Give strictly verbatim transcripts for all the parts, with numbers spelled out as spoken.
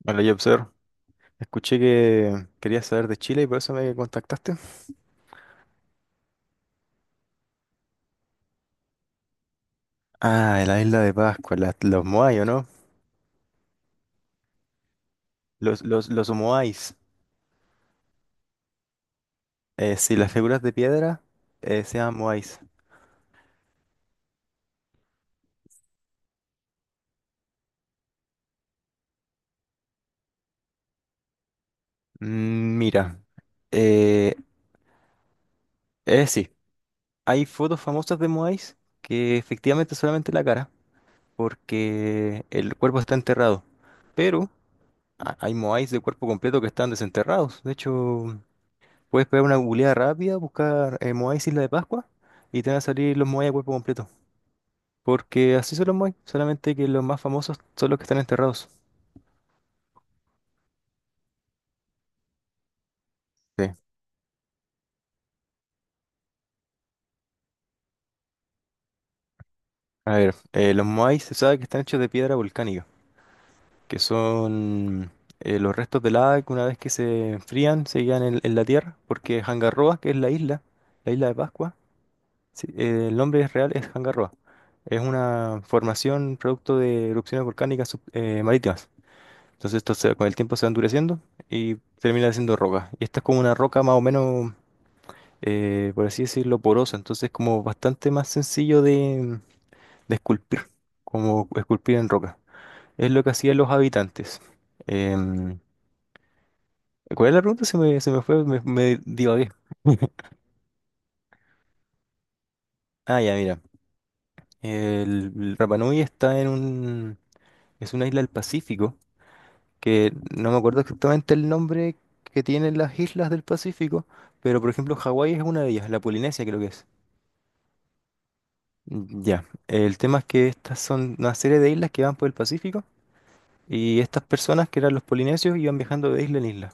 Vale, Jobser, escuché que querías saber de Chile y por eso me contactaste. Ah, la isla de Pascua, la- los Moai, ¿o no? Los, los, los Moais. Eh, sí, las figuras de piedra eh, se llaman Moais. Mm, Mira, eh, eh, sí, hay fotos famosas de Moais que efectivamente solamente la cara, porque el cuerpo está enterrado. Pero a- hay Moais de cuerpo completo que están desenterrados. De hecho. Puedes pegar una googleada rápida, buscar eh, Moai Isla de Pascua y te van a salir los Moai a cuerpo completo. Porque así son los Moai, solamente que los más famosos son los que están enterrados. Sí. A ver, eh, los Moai se sabe que están hechos de piedra volcánica, que son eh, los restos de lava que una vez que se enfrían se quedan en, en la tierra, porque Hangaroa, que es la isla, la isla de Pascua, sí, eh, el nombre es real es Hangaroa. Es una formación producto de erupciones volcánicas sub- eh, marítimas. Entonces esto se- con el tiempo se va endureciendo y termina siendo roca. Y esta es como una roca más o menos, eh, por así decirlo, porosa. Entonces es como bastante más sencillo de, de esculpir, como esculpir en roca. Es lo que hacían los habitantes. Em, ¿Cuál es la pregunta? Se me, se me fue, me, me divagué. Ah, ya, mira. El, el Rapa Nui está en un, es una isla del Pacífico que no me acuerdo exactamente el nombre que tienen las islas del Pacífico, pero por ejemplo Hawái es una de ellas, la Polinesia creo que es. Mm, Ya, el tema es que estas son una serie de islas que van por el Pacífico y estas personas que eran los polinesios iban viajando de isla en isla,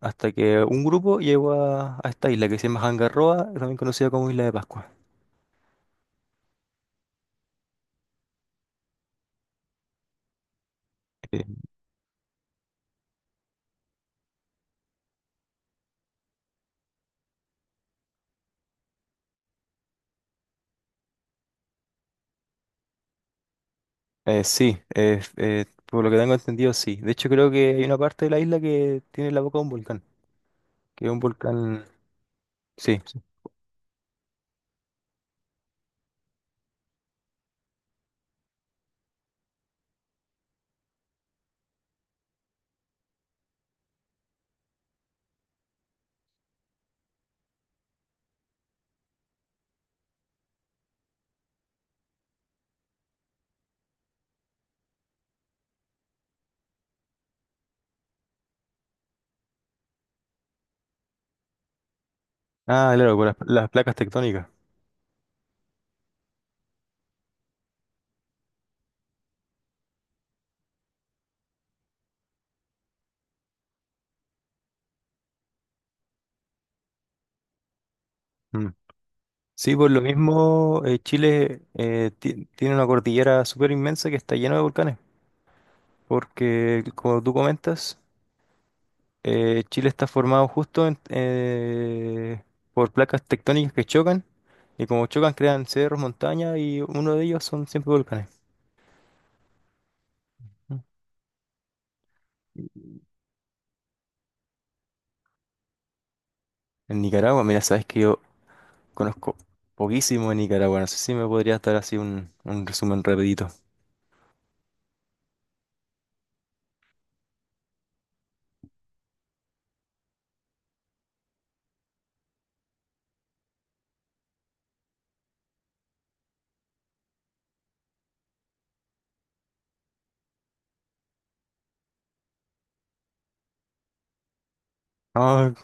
hasta que un grupo llegó a, a esta isla que se llama Hangaroa, también conocida como Isla de Pascua. Eh, eh, sí, eh, eh, por lo que tengo entendido, sí. De hecho creo que hay una parte de la isla que tiene la boca de un volcán, que es un volcán, sí. Ah, claro, por las, las placas tectónicas. Mm. Sí, por lo mismo, eh, Chile eh, ti- tiene una cordillera súper inmensa que está llena de volcanes, porque como tú comentas, eh, Chile está formado justo en- eh, por placas tectónicas que chocan, y como chocan crean cerros, montañas, y uno de ellos son siempre volcanes. Mm. En Nicaragua, mira, sabes que yo conozco poquísimo de Nicaragua, no sé si me podría dar así un, un resumen rapidito. Ah,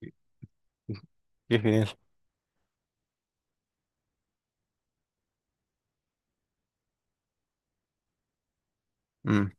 qué qué genial. Mm.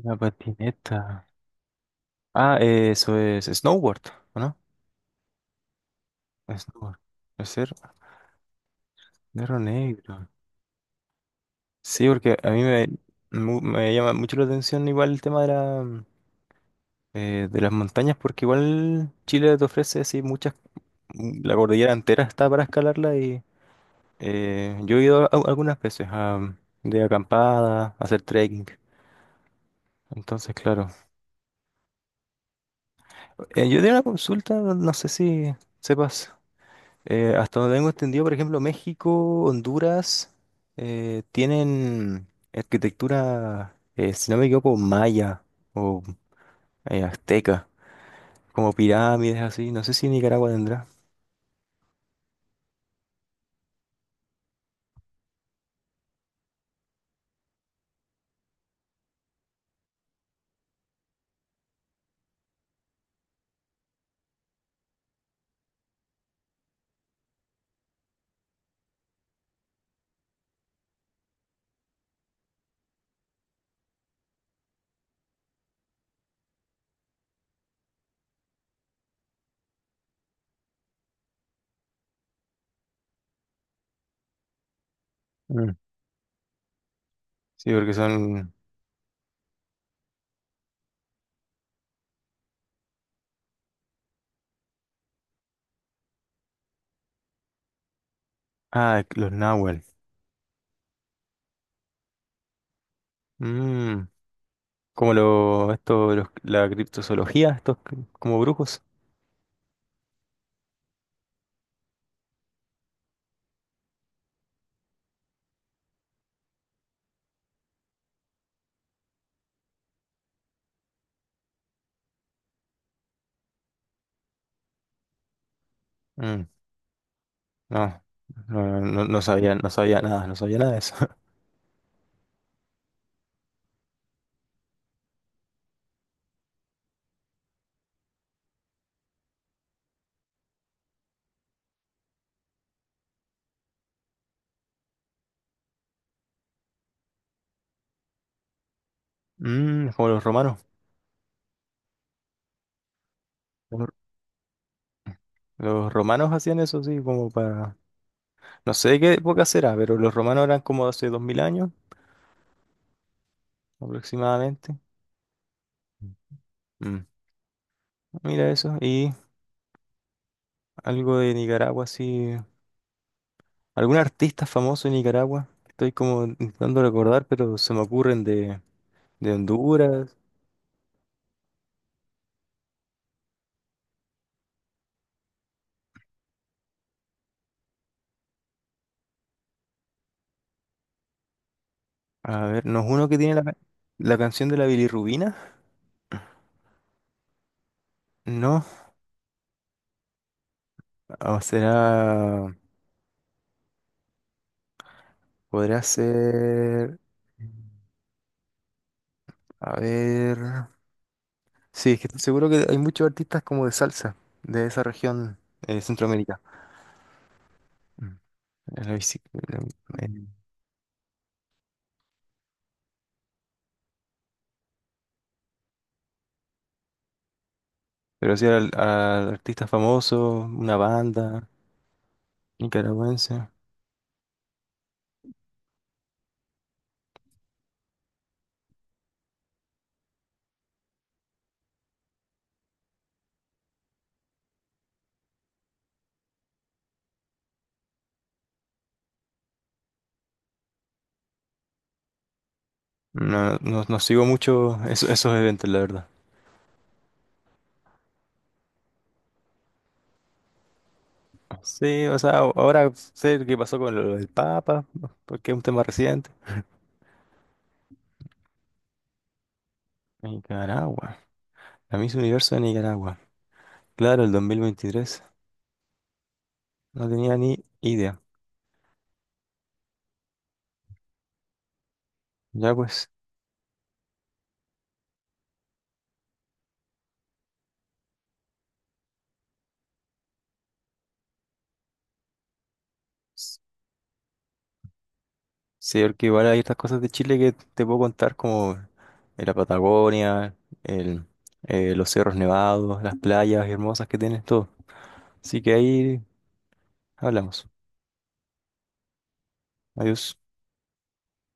Una patineta. Ah, eh, eso es snowboard, ¿o no? Snowboard. Puede ser negro negro. Sí, porque a mí me, mu- me llama mucho la atención igual el tema de la, eh, de las montañas, porque igual Chile te ofrece así muchas, la cordillera entera está para escalarla y eh, yo he ido a- algunas veces a, de acampada, a hacer trekking. Entonces, claro. Eh, yo tenía una consulta, no sé si sepas. Eh, hasta donde tengo entendido, por ejemplo, México, Honduras, eh, tienen arquitectura, eh, si no me equivoco, maya o eh, azteca, como pirámides así. No sé si Nicaragua tendrá. Mm. Sí, porque son. Ah, los náhuatl. Mm, Como lo, esto, los- la criptozoología, estos c- como brujos. Mm, No, no, no, no sabía, no sabía nada, no sabía nada de eso. Mm, como los romanos. Los los romanos hacían eso, sí, como para. No sé de qué época será, pero los romanos eran como hace dos mil años aproximadamente. Mm. Mira eso. Y algo de Nicaragua, sí. ¿Algún artista famoso de Nicaragua? Estoy como intentando recordar, pero se me ocurren de, de Honduras. A ver, ¿no es uno que tiene la, ca- la canción de la bilirrubina? No. O será. Podría ser. A ver. Sí, es que estoy seguro que hay muchos artistas como de salsa de esa región eh, Centroamérica. A la bicicleta. eh, Pero sí al, al artista famoso, una banda nicaragüense. No, no, no sigo mucho eso- esos eventos, la verdad. Sí, o sea, ahora sé qué pasó con lo del Papa, porque es un tema reciente. Nicaragua, la Miss Universo de Nicaragua. Claro, el dos mil veintitrés. No tenía ni idea. Ya pues. Sí, porque igual hay estas cosas de Chile que te puedo contar, como eh, la Patagonia, el, eh, los cerros nevados, las playas hermosas que tienes, todo. Así que ahí hablamos. Adiós.